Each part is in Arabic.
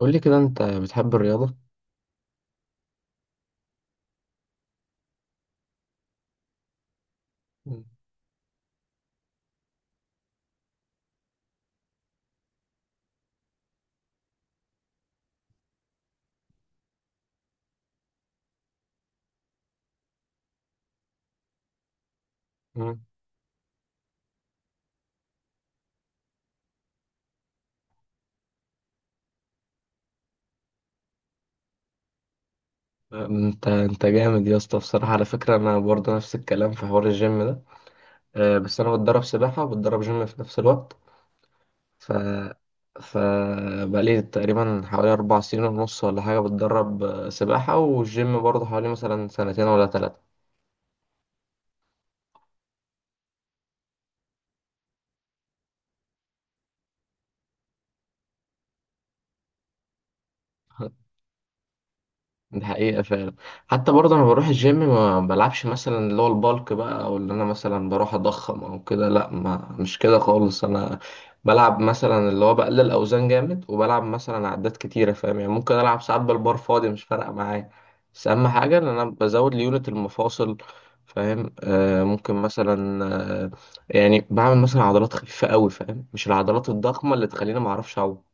قول لي كده انت بتحب الرياضة؟ مم. انت جامد يا اسطى، بصراحة على فكرة انا برضه نفس الكلام في حوار الجيم ده. بس انا بتدرب سباحة وبتدرب جيم في نفس الوقت. ف ف بقالي تقريبا حوالي 4 سنين ونص ولا حاجة بتدرب سباحة، والجيم برضه حوالي مثلا سنتين ولا ثلاثة. دي حقيقة فعلا. حتى برضه أنا بروح الجيم، ما بلعبش مثلا اللي هو البالك بقى أو اللي أنا مثلا بروح أضخم أو كده، لأ، ما مش كده خالص. أنا بلعب مثلا اللي هو بقلل أوزان جامد، وبلعب مثلا عدات كتيرة، فاهم يعني؟ ممكن ألعب ساعات بالبار فاضي، مش فارقة معايا. بس أهم حاجة إن أنا بزود ليونت المفاصل، فاهم؟ ممكن مثلا، آه يعني بعمل مثلا عضلات خفيفة أوي، فاهم؟ مش العضلات الضخمة اللي تخليني معرفش أعوم.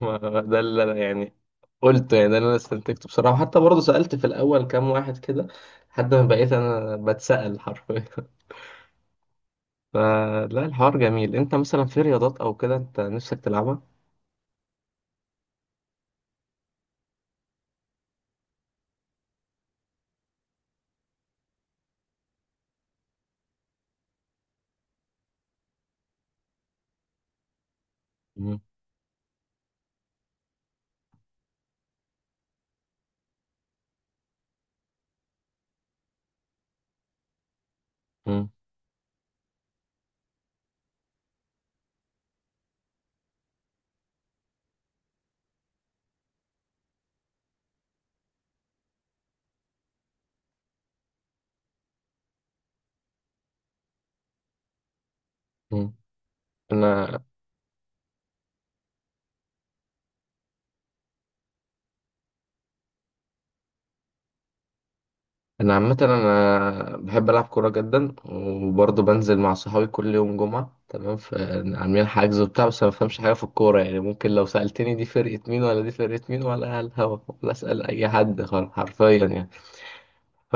ده اللي انا يعني قلت، يعني ده اللي انا استنتجته بصراحه. حتى برضه سالت في الاول كام واحد كده، لحد ما بقيت انا بتسال حرفيا. فلا، الحوار جميل. انت مثلا في رياضات او كده انت نفسك تلعبها؟ مم. مم. مم. انا انا عامه انا بحب العب كوره جدا، وبرضه بنزل مع صحابي كل يوم جمعه، تمام، فعاملين حجز وبتاع. بس أنا ما بفهمش حاجه في الكوره، يعني ممكن لو سالتني دي فرقه مين ولا دي فرقه مين ولا على الهوا، ولا اسال اي حد خالص حرفيا يعني. ف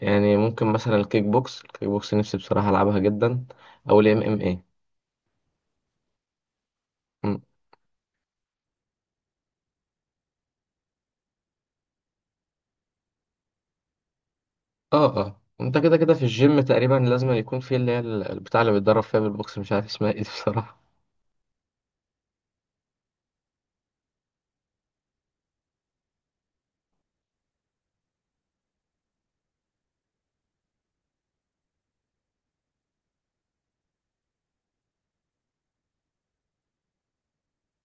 يعني ممكن مثلا الكيك بوكس، نفسي بصراحة ألعبها جدا، أو ال MMA. مم. اه، اه، انت كده كده في الجيم تقريبا لازم يكون في اللي هي البتاع اللي بيتدرب فيها بالبوكس، مش عارف اسمها ايه دي بصراحة.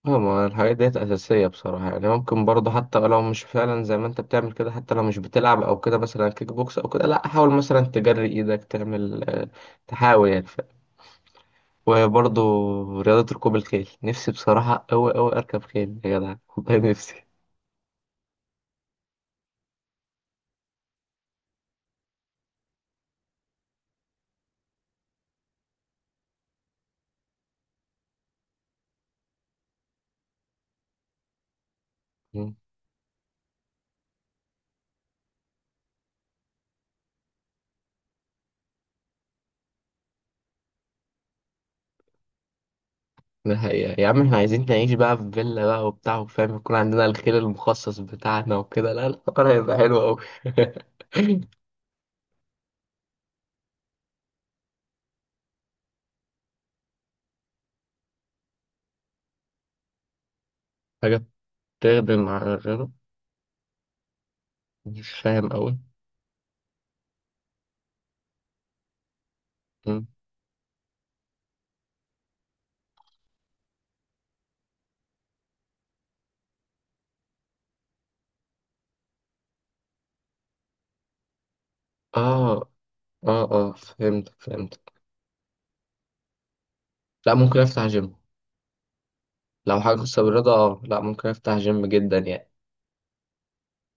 اه، ما الحاجات ديت أساسية بصراحة يعني. ممكن برضه حتى لو مش فعلا زي ما انت بتعمل كده، حتى لو مش بتلعب أو كده مثلا كيك بوكس أو كده، لا حاول مثلا تجري إيدك، تعمل تحاول يعني. وبرضه رياضة ركوب الخيل، نفسي بصراحة أوي أوي أركب خيل يا جدع، والله نفسي. ده حقيقة يا عم، احنا عايزين نعيش بقى في فيلا بقى وبتاع وفاهم، يكون عندنا الخير المخصص بتاعنا وكده، لا الحوار هيبقى حلو أوي. حاجة بتخدم على غيره. مش فاهم أوي. مم. اه، اه، اه، فهمتك فهمتك. لا، ممكن افتح جيم. لو حاجة خاصة بالرياضة، اه لا ممكن افتح جيم جدا يعني.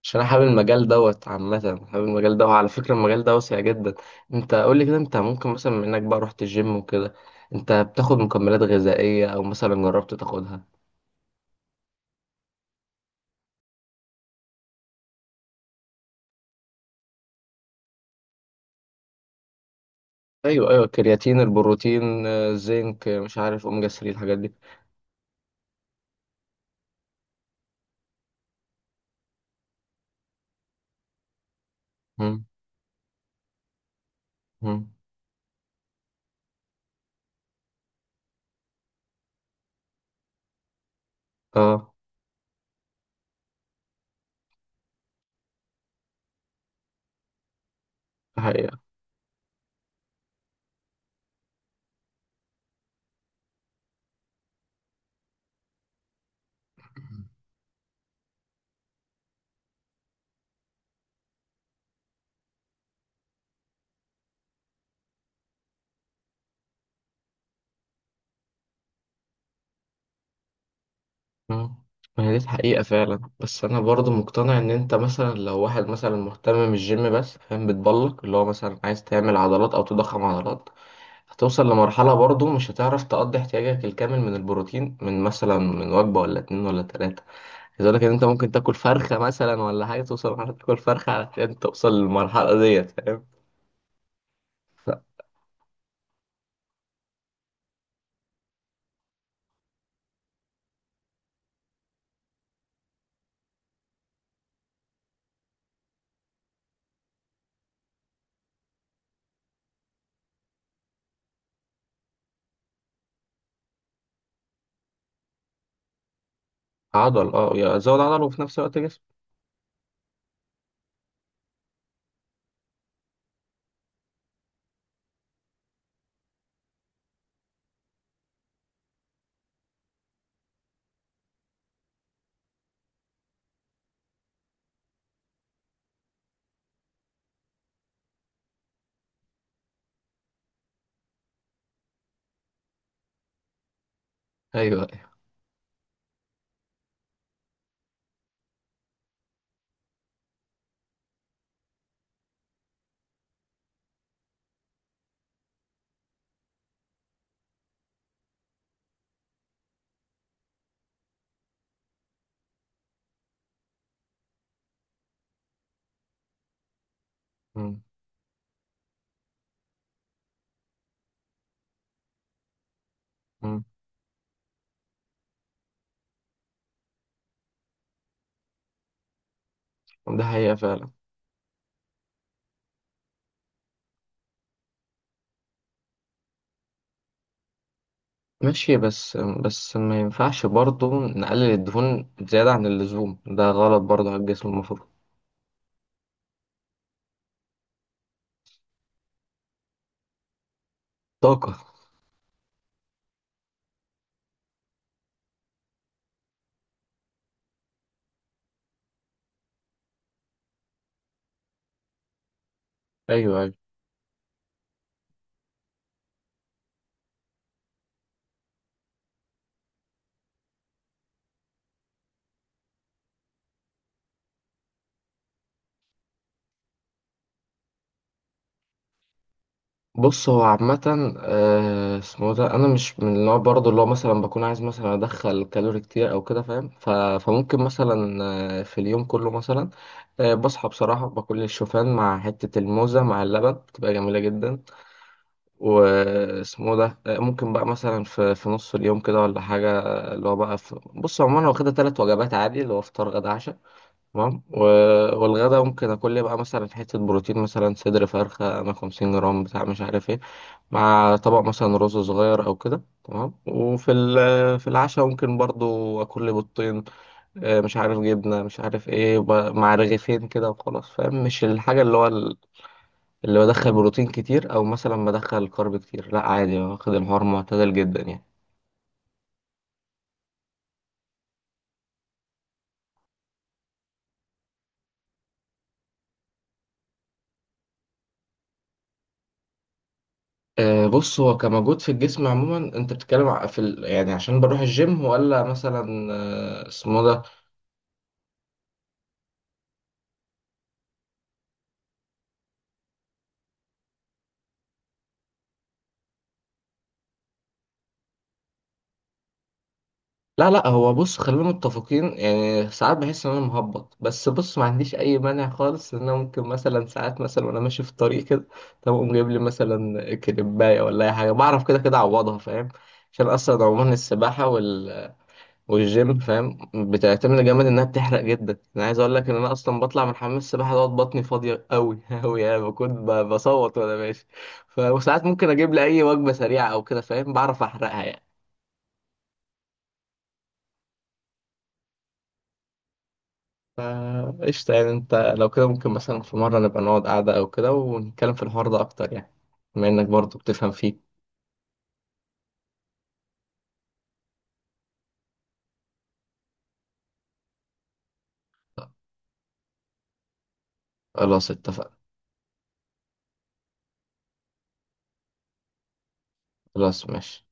عشان انا حابب المجال دوت عامة. حابب المجال دوت، على فكرة المجال ده واسع جدا. انت قول لي كده، انت ممكن مثلا منك بقى رحت الجيم وكده، انت بتاخد مكملات غذائية او مثلا جربت تاخدها؟ ايوه، ايوه، الكرياتين، البروتين، الزنك، مش عارف، اوميجا 3، الحاجات دي. مم. مم. اه دي حقيقة. مم. ما هي دي الحقيقة فعلا. بس انا برضو مقتنع ان انت مثلا لو واحد مثلا مهتم بالجيم بس، فاهم؟ بتبلك اللي هو مثلا عايز تعمل عضلات او تضخم عضلات، هتوصل لمرحلة برضو مش هتعرف تقضي احتياجك الكامل من البروتين من مثلا من وجبة ولا اتنين ولا تلاتة. عايز اقول لك ان انت ممكن تاكل فرخة مثلا ولا حاجة، توصل لمرحلة تاكل فرخة علشان توصل للمرحلة ديت، فاهم؟ عضل، زود عضل وفي نفس الوقت جسم. ايوه، ايوه. مم. مم. ده حقيقة فعلا. ماشي، بس ما ينفعش برضو نقلل الدهون زيادة عن اللزوم، ده غلط برضو على الجسم المفروض. طاقة. ايوه، ايوه. بص هو عامة، اسمه ده، انا مش من النوع برضو اللي هو مثلا بكون عايز مثلا ادخل كالوري كتير او كده، فاهم؟ فممكن مثلا في اليوم كله مثلا بصحى بصراحة باكل الشوفان مع حتة الموزة مع اللبن، بتبقى جميلة جدا. واسمه ده، ممكن بقى مثلا في نص اليوم كده ولا حاجة، اللي هو بقى في. بص عموما انا واخدها 3 وجبات عادي، اللي هو فطار، غدا، عشاء، تمام. والغدا ممكن اكل لي بقى مثلا حتة بروتين، مثلا صدر فرخة انا 50 جرام بتاع مش عارف ايه، مع طبق مثلا رز صغير او كده، تمام. وفي في العشاء ممكن برضو اكل لي بيضتين، مش عارف، جبنة، مش عارف ايه، مع رغيفين كده وخلاص، فاهم؟ مش الحاجة اللي هو اللي بدخل بروتين كتير او مثلا بدخل كارب كتير، لا عادي، واخد الحوار معتدل جدا يعني. بص هو كمجهود في الجسم عموما، انت بتتكلم في يعني عشان بروح الجيم ولا مثلا، اسمه ده. لا، لا، هو بص خلينا متفقين، يعني ساعات بحس ان انا مهبط. بس بص، ما عنديش اي مانع خالص ان انا ممكن مثلا ساعات مثلا وانا ماشي في الطريق كده، طب اقوم جايب لي مثلا كريبايه ولا اي حاجه، بعرف كده كده اعوضها، فاهم؟ عشان اصلا عموما السباحه والجيم فاهم بتعتمد جامد، انها بتحرق جدا. انا عايز اقول لك ان انا اصلا بطلع من حمام السباحه دوت بطني فاضيه قوي قوي، يعني بكون بصوت وانا ماشي. وساعات ممكن اجيب لي اي وجبه سريعه او كده، فاهم؟ بعرف احرقها يعني. فا قشطه، يعني انت لو كده ممكن مثلا في مره نبقى نقعد قعده او كده، ونتكلم في الحوار ده اكتر يعني، بما انك برضو بتفهم فيه. خلاص اتفقنا. خلاص ماشي.